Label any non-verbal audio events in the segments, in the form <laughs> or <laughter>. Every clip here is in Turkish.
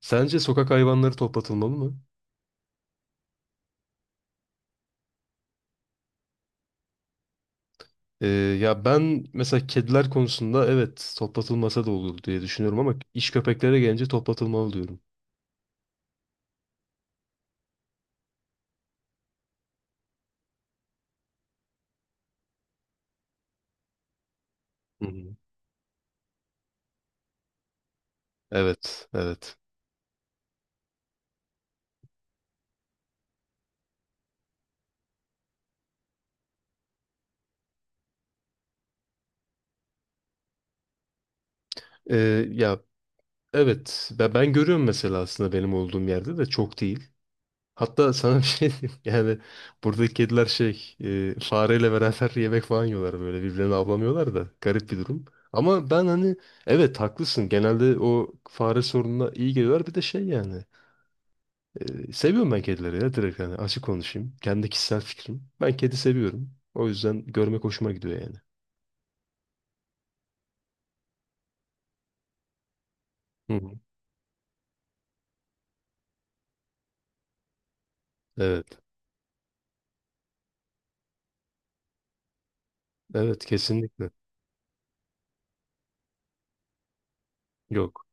Sence sokak hayvanları toplatılmalı mı? Ee, ya ben mesela kediler konusunda evet toplatılmasa da olur diye düşünüyorum ama iş köpeklere gelince toplatılmalı diyorum. Hı hı. Evet, evet. Ya evet ben görüyorum mesela aslında benim olduğum yerde de çok değil. Hatta sana <laughs> bir şey diyeyim <laughs> yani buradaki kediler şey fareyle beraber yemek falan yiyorlar böyle birbirlerini avlamıyorlar da garip bir durum. Ama ben hani evet haklısın genelde o fare sorununa iyi geliyorlar bir de şey yani. Seviyorum ben kedileri ya direkt yani açık konuşayım. Kendi kişisel fikrim. Ben kedi seviyorum. O yüzden görmek hoşuma gidiyor yani. Hı hı. Evet. Evet kesinlikle. Yok.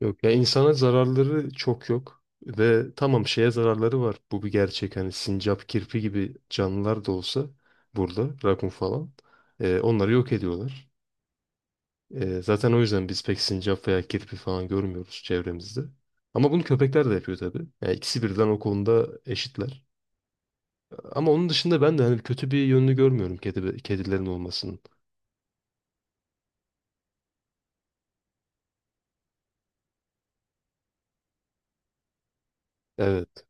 Yok. Ya insana zararları çok yok. Ve tamam şeye zararları var. Bu bir gerçek. Hani sincap, kirpi gibi canlılar da olsa burada rakun falan. Onları yok ediyorlar. Zaten o yüzden biz pek sincap veya kirpi falan görmüyoruz çevremizde. Ama bunu köpekler de yapıyor tabii. Yani ikisi birden o konuda eşitler. Ama onun dışında ben de hani kötü bir yönünü görmüyorum kedilerin olmasının. Evet,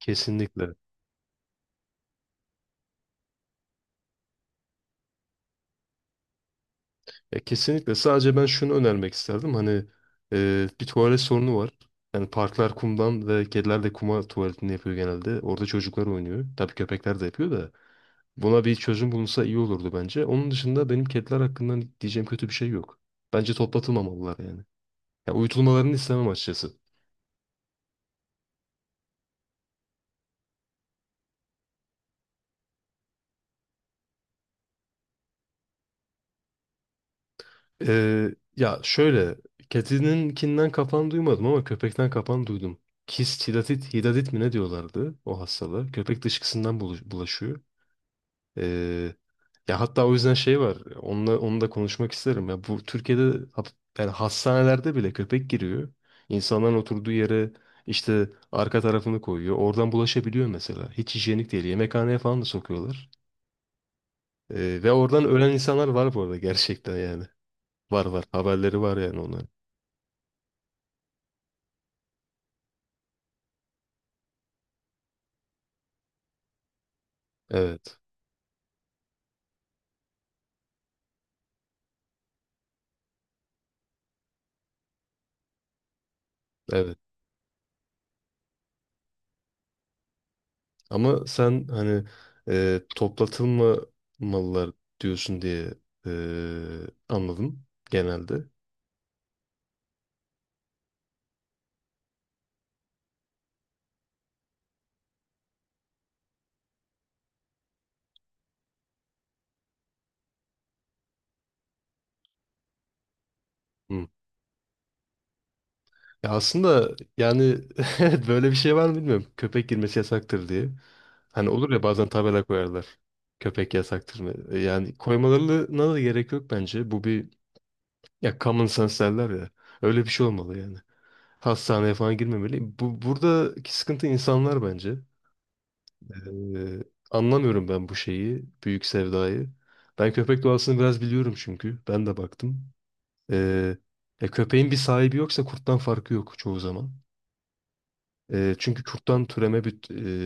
kesinlikle. Ya kesinlikle. Sadece ben şunu önermek isterdim. Hani bir tuvalet sorunu var. Yani parklar kumdan ve kediler de kuma tuvaletini yapıyor genelde. Orada çocuklar oynuyor. Tabii köpekler de yapıyor da. Buna bir çözüm bulunsa iyi olurdu bence. Onun dışında benim kediler hakkında diyeceğim kötü bir şey yok. Bence toplatılmamalılar yani. Ya uyutulmalarını istemem açıkçası. Ya şöyle, kedininkinden kapan duymadım ama köpekten kapan duydum. Kist hidatit, hidatit mi ne diyorlardı o hastalığı? Köpek dışkısından bulaşıyor. Ee, ya hatta o yüzden şey var. Onunla, onu da konuşmak isterim. Ya bu Türkiye'de hap- yani hastanelerde bile köpek giriyor. İnsanların oturduğu yere işte arka tarafını koyuyor. Oradan bulaşabiliyor mesela. Hiç hijyenik değil. Yemekhaneye falan da sokuyorlar. Ve oradan ölen insanlar var bu arada gerçekten yani. Var var. Haberleri var yani onların. Evet, evet. Ama sen hani toplatılmamalılar diyorsun diye e, anladım genelde. Hı. Ya aslında yani <laughs> evet, böyle bir şey var mı bilmiyorum. Köpek girmesi yasaktır diye. Hani olur ya bazen tabela koyarlar. Köpek yasaktır mı? Yani koymalarına da gerek yok bence. Bu bir ya common sense derler ya. Öyle bir şey olmalı yani. Hastaneye falan girmemeli. Bu buradaki sıkıntı insanlar bence. Ee, anlamıyorum ben bu şeyi, büyük sevdayı. Ben köpek doğasını biraz biliyorum çünkü. Ben de baktım. Ee, köpeğin bir sahibi yoksa kurttan farkı yok çoğu zaman. Çünkü kurttan türeme bir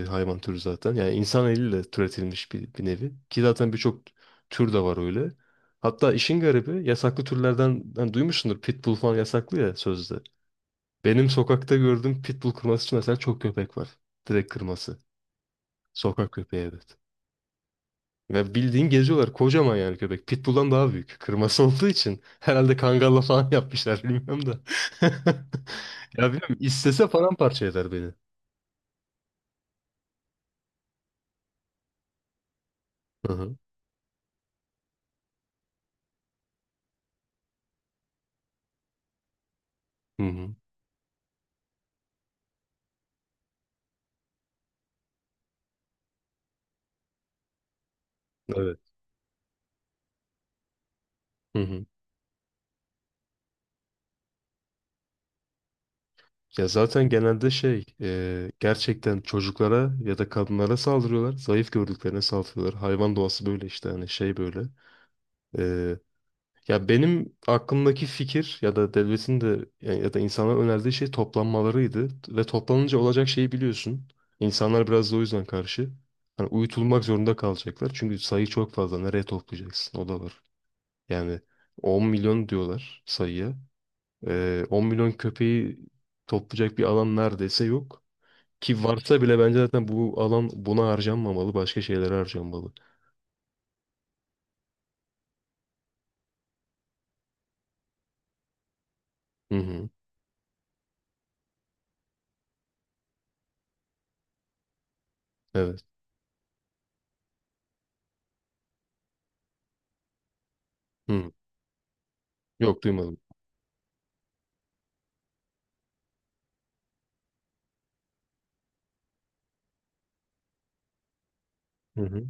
hayvan türü zaten. Yani insan eliyle türetilmiş bir nevi. Ki zaten birçok tür de var öyle. Hatta işin garibi yasaklı türlerden hani duymuşsundur. Pitbull falan yasaklı ya sözde. Benim sokakta gördüğüm pitbull kırması için mesela çok köpek var. Direkt kırması. Sokak köpeği evet. Ve bildiğin geziyorlar. Kocaman yani köpek. Pitbull'dan daha büyük. Kırması olduğu için. Herhalde kangalla falan <laughs> yapmışlar bilmiyorum da. <laughs> Ya bilmiyorum. İstese paramparça eder beni. Hı hı. Hı hı. Evet. Hı hı. Ya zaten genelde şey gerçekten çocuklara ya da kadınlara saldırıyorlar. Zayıf gördüklerine saldırıyorlar. Hayvan doğası böyle işte hani şey böyle. E, Ya benim aklımdaki fikir ya da devletin de ya ya da insanlara önerdiği şey toplanmalarıydı. Ve toplanınca olacak şeyi biliyorsun. İnsanlar biraz da o yüzden karşı. Hani uyutulmak zorunda kalacaklar. Çünkü sayı çok fazla. Nereye toplayacaksın? O da var. Yani 10 milyon diyorlar sayıya. 10 milyon köpeği toplayacak bir alan neredeyse yok. Ki varsa bile bence zaten bu alan buna harcanmamalı. Başka şeylere harcanmalı. Hı hı. Evet. Hı. Yok duymadım. Hı hı.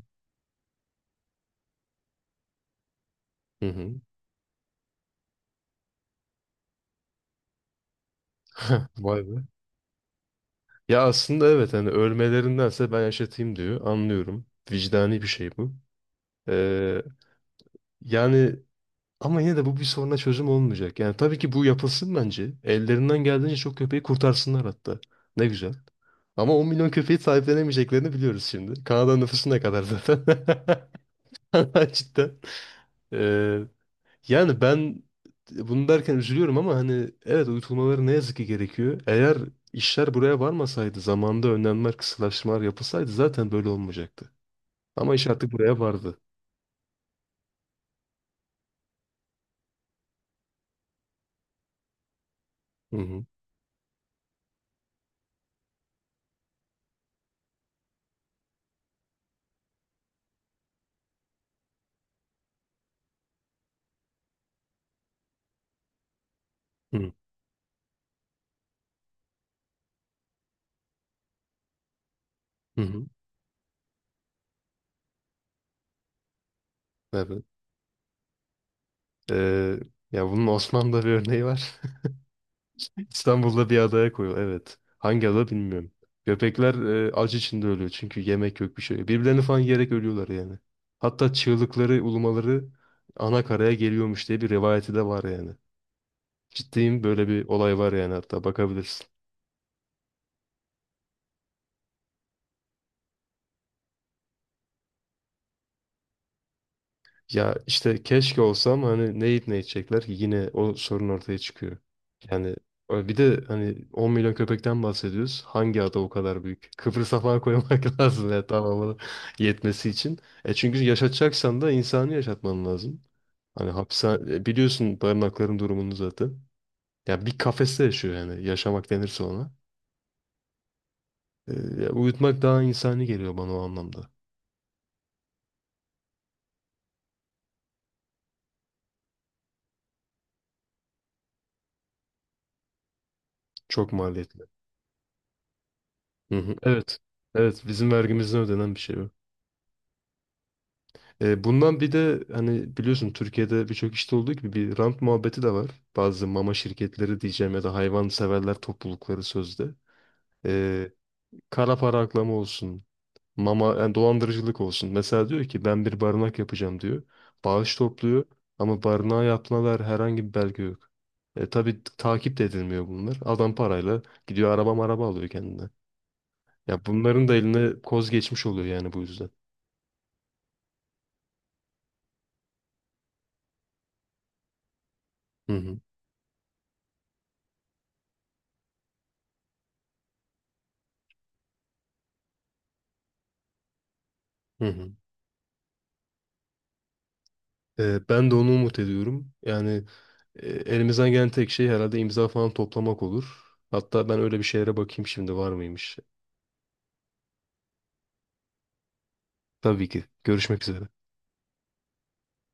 Hı hı. Vay be. Ya aslında evet hani ölmelerindense ben yaşatayım diyor. Anlıyorum. Vicdani bir şey bu. Ee, yani ama yine de bu bir soruna çözüm olmayacak. Yani tabii ki bu yapılsın bence. Ellerinden geldiğince çok köpeği kurtarsınlar hatta. Ne güzel. Ama 10 milyon köpeği sahiplenemeyeceklerini biliyoruz şimdi. Kanada nüfusu ne kadar zaten? <laughs> Cidden. Ee, yani ben bunu derken üzülüyorum ama hani evet uyutulmaları ne yazık ki gerekiyor. Eğer işler buraya varmasaydı, zamanda önlemler, kısıtlaştırmalar yapılsaydı zaten böyle olmayacaktı. Ama iş artık buraya vardı. Hı hı. Hı hı. Hı. Evet. Ee, ya bunun Osmanlı'da bir örneği var. <laughs> İstanbul'da bir adaya koyuyor. Evet. Hangi ada bilmiyorum. Köpekler acı içinde ölüyor çünkü yemek yok bir şey. Yok. Birbirlerini falan yiyerek ölüyorlar yani. Hatta çığlıkları, ulumaları ana karaya geliyormuş diye bir rivayeti de var yani. Ciddiyim böyle bir olay var yani hatta bakabilirsin. Ya işte keşke olsa ama hani ne yiyip ne içecekler ki yine o sorun ortaya çıkıyor. Yani bir de hani 10 milyon köpekten bahsediyoruz. Hangi ada o kadar büyük? Kıbrıs'a falan koymak <laughs> lazım ya tamamını yetmesi için. Çünkü yaşatacaksan da insanı yaşatman lazım. Hani hapishane biliyorsun barınakların durumunu zaten. Ya bir kafeste yaşıyor yani yaşamak denirse ona. E, ya uyutmak daha insani geliyor bana o anlamda. Çok maliyetli. Hı hı. Evet. Evet bizim vergimizden ödenen bir şey o. Bundan bir de hani biliyorsun Türkiye'de birçok işte olduğu gibi bir rant muhabbeti de var. Bazı mama şirketleri diyeceğim ya da hayvan severler toplulukları sözde. E, kara para aklama olsun. Mama yani dolandırıcılık olsun. Mesela diyor ki ben bir barınak yapacağım diyor. Bağış topluyor ama barınağa yaptığına dair herhangi bir belge yok. Tabii takip de edilmiyor bunlar. Adam parayla gidiyor araba maraba alıyor kendine. Ya bunların da eline koz geçmiş oluyor yani bu yüzden. Hı hı, hı hı. Ben de onu umut ediyorum. Yani elimizden gelen tek şey herhalde imza falan toplamak olur. Hatta ben öyle bir şeylere bakayım şimdi var mıymış. Tabii ki. Görüşmek üzere.